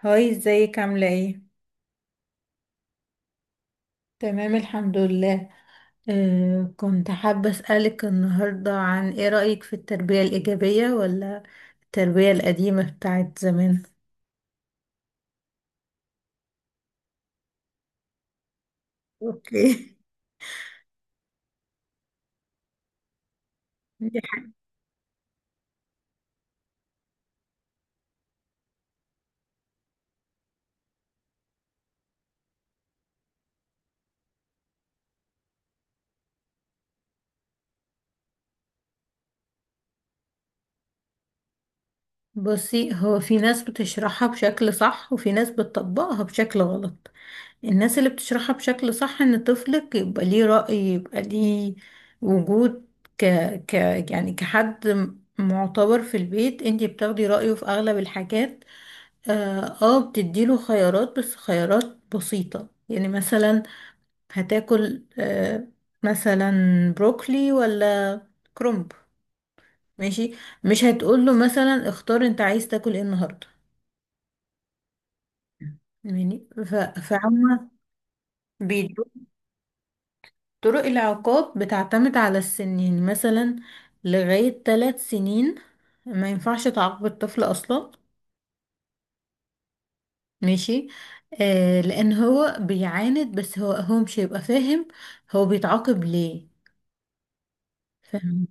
هاي، ازيك؟ عاملة ايه؟ تمام، الحمد لله. كنت حابة أسألك النهاردة عن ايه رأيك في التربية الإيجابية ولا التربية القديمة بتاعت زمان. اوكي. دي حاجة بصي، هو في ناس بتشرحها بشكل صح وفي ناس بتطبقها بشكل غلط. الناس اللي بتشرحها بشكل صح ان طفلك يبقى ليه رأي، يبقى ليه وجود، ك... ك... يعني كحد معتبر في البيت، انتي بتاخدي رأيه في اغلب الحاجات. بتديله خيارات، بس خيارات بسيطة، يعني مثلا هتاكل مثلا بروكلي ولا كرنب؟ ماشي. مش هتقوله مثلا اختار انت عايز تاكل ايه النهاردة. يعني فعما بيدوا. طرق العقاب بتعتمد على السن، يعني مثلا لغاية 3 سنين ما ينفعش تعاقب الطفل أصلا. ماشي. آه، لأن هو بيعاند، بس هو مش هيبقى فاهم هو بيتعاقب ليه. فاهم.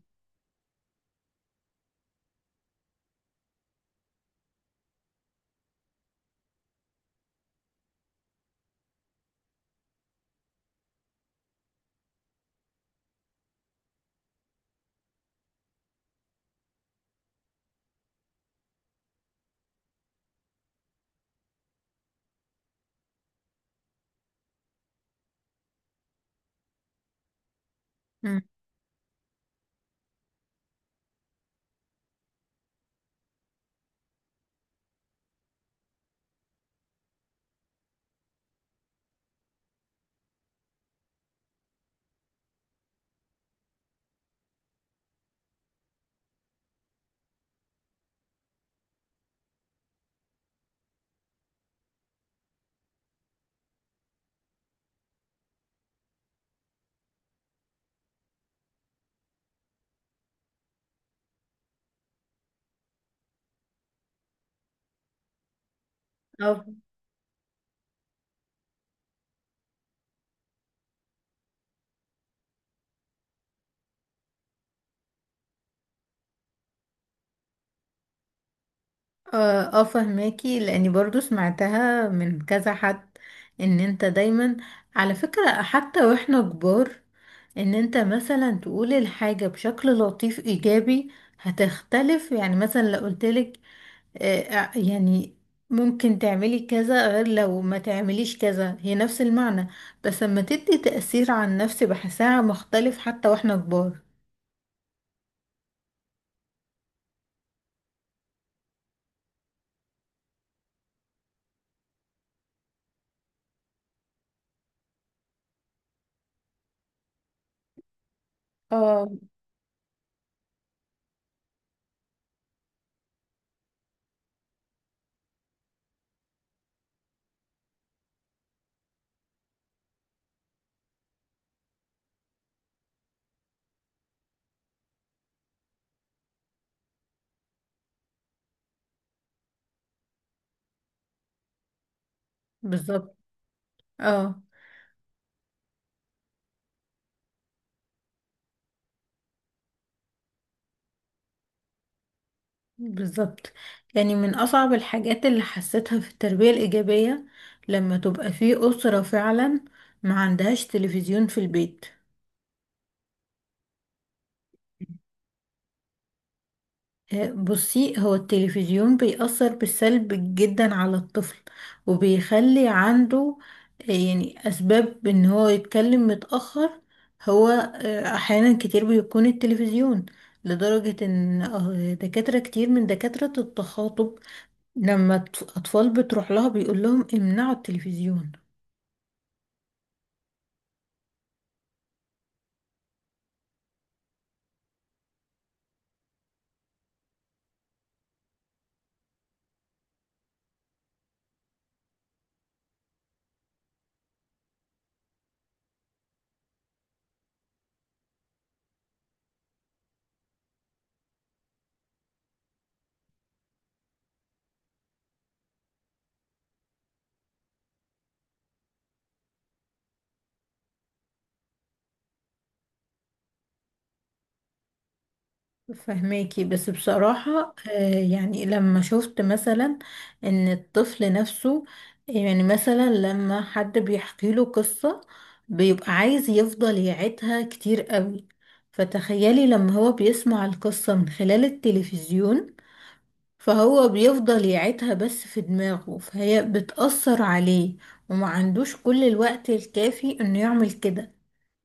مم. اه، اه، فهماكي، لاني برضو سمعتها من كذا حد، ان انت دايما، على فكرة حتى واحنا كبار، ان انت مثلا تقول الحاجة بشكل لطيف ايجابي هتختلف. يعني مثلا لو قلتلك يعني ممكن تعملي كذا غير لو ما تعمليش كذا، هي نفس المعنى بس لما تدي تأثير عن نفسي بحسها مختلف حتى واحنا كبار. اه، بالظبط. اه، بالظبط، يعني من أصعب الحاجات اللي حسيتها في التربية الإيجابية لما تبقى في أسرة فعلا ما عندهاش تلفزيون في البيت. بصي، هو التلفزيون بيأثر بالسلب جدا على الطفل وبيخلي عنده يعني أسباب إن هو يتكلم متأخر. هو أحيانا كتير بيكون التلفزيون، لدرجة إن دكاترة كتير من دكاترة التخاطب لما أطفال بتروح لها بيقول لهم امنعوا التلفزيون. فهماكي، بس بصراحة يعني لما شفت مثلا إن الطفل نفسه، يعني مثلا لما حد بيحكي له قصة بيبقى عايز يفضل يعيدها كتير قوي، فتخيلي لما هو بيسمع القصة من خلال التلفزيون فهو بيفضل يعيدها بس في دماغه، فهي بتأثر عليه وما عندوش كل الوقت الكافي انه يعمل كده.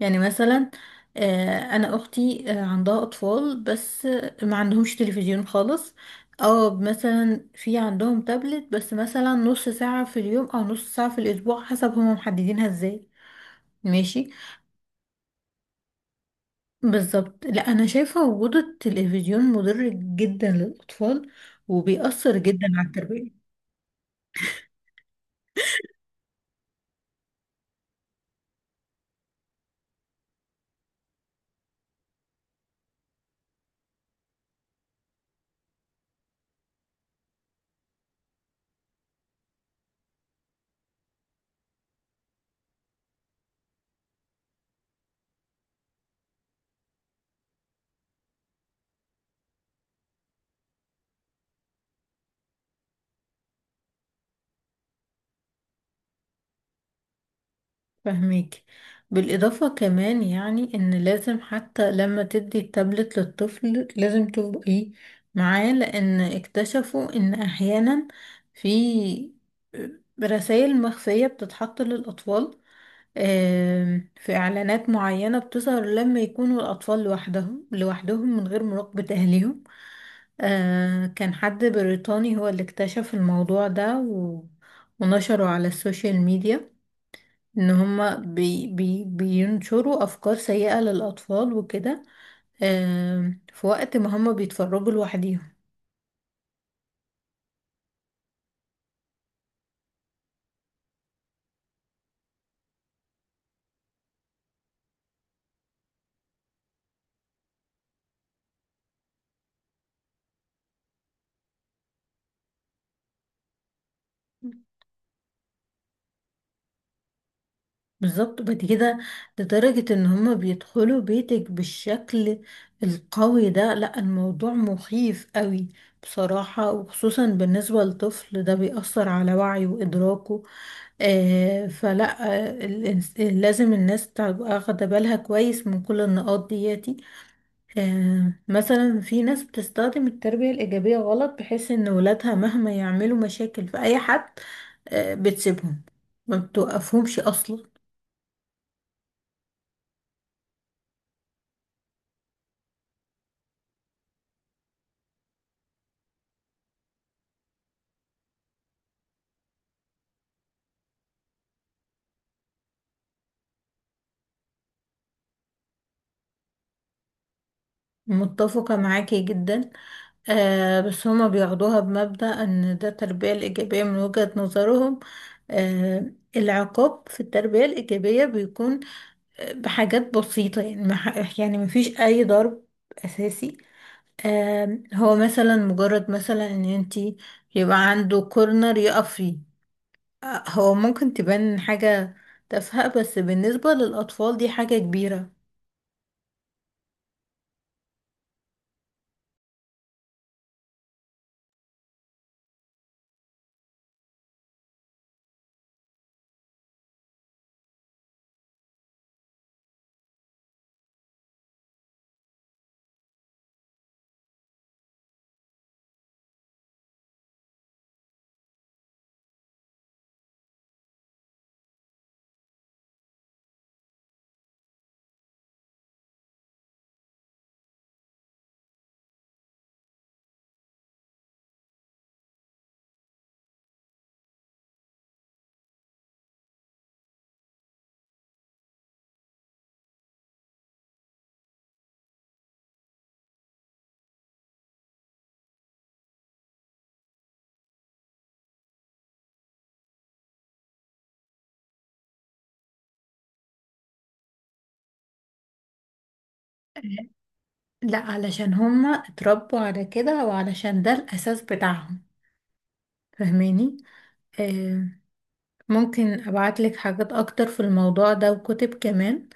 يعني مثلا انا اختي عندها اطفال بس ما عندهمش تلفزيون خالص، او مثلا في عندهم تابلت بس مثلا نص ساعة في اليوم او نص ساعة في الاسبوع حسب هما محددينها ازاي. ماشي. بالظبط، لا انا شايفة وجود التلفزيون مضر جدا للاطفال وبيأثر جدا على التربية. فهميك. بالإضافة كمان يعني إن لازم، حتى لما تدي التابلت للطفل لازم تبقي معاه، لأن اكتشفوا إن أحيانا في رسائل مخفية بتتحط للأطفال. في إعلانات معينة بتظهر لما يكونوا الأطفال لوحدهم من غير مراقبة أهلهم. كان حد بريطاني هو اللي اكتشف الموضوع ده ونشره على السوشيال ميديا، ان هما بي بي بينشروا افكار سيئة للاطفال وكده. في وقت ما هما بيتفرجوا لوحديهم. بالظبط. بعد كده، لدرجة ان هما بيدخلوا بيتك بالشكل القوي ده. لا، الموضوع مخيف قوي بصراحة، وخصوصا بالنسبة للطفل ده بيأثر على وعيه وإدراكه. فلا. لازم الناس تبقى واخدة بالها كويس من كل النقاط دياتي. مثلا في ناس بتستخدم التربية الإيجابية غلط، بحيث إن ولادها مهما يعملوا مشاكل في أي حد بتسيبهم، ما بتوقفهمش أصلا. متفقة معاكي جدا، بس هما بياخدوها بمبدأ إن ده التربية الإيجابية من وجهة نظرهم. آه العقاب في التربية الإيجابية بيكون بحاجات بسيطة، يعني ما ح- يعني مفيش أي ضرب أساسي. هو مثلا مجرد مثلا ان انتي يبقى عنده كورنر يقف فيه. هو ممكن تبان حاجة تافهة، بس بالنسبة للأطفال دي حاجة كبيرة. لا، علشان هما اتربوا على كده وعلشان ده الأساس بتاعهم. فاهماني. آه ممكن أبعتلك حاجات أكتر في الموضوع ده وكتب كمان،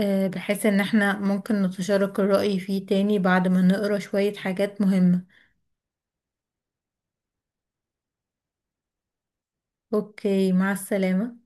بحيث إن احنا ممكن نتشارك الرأي فيه تاني بعد ما نقرأ شوية حاجات مهمة. أوكي، مع السلامة.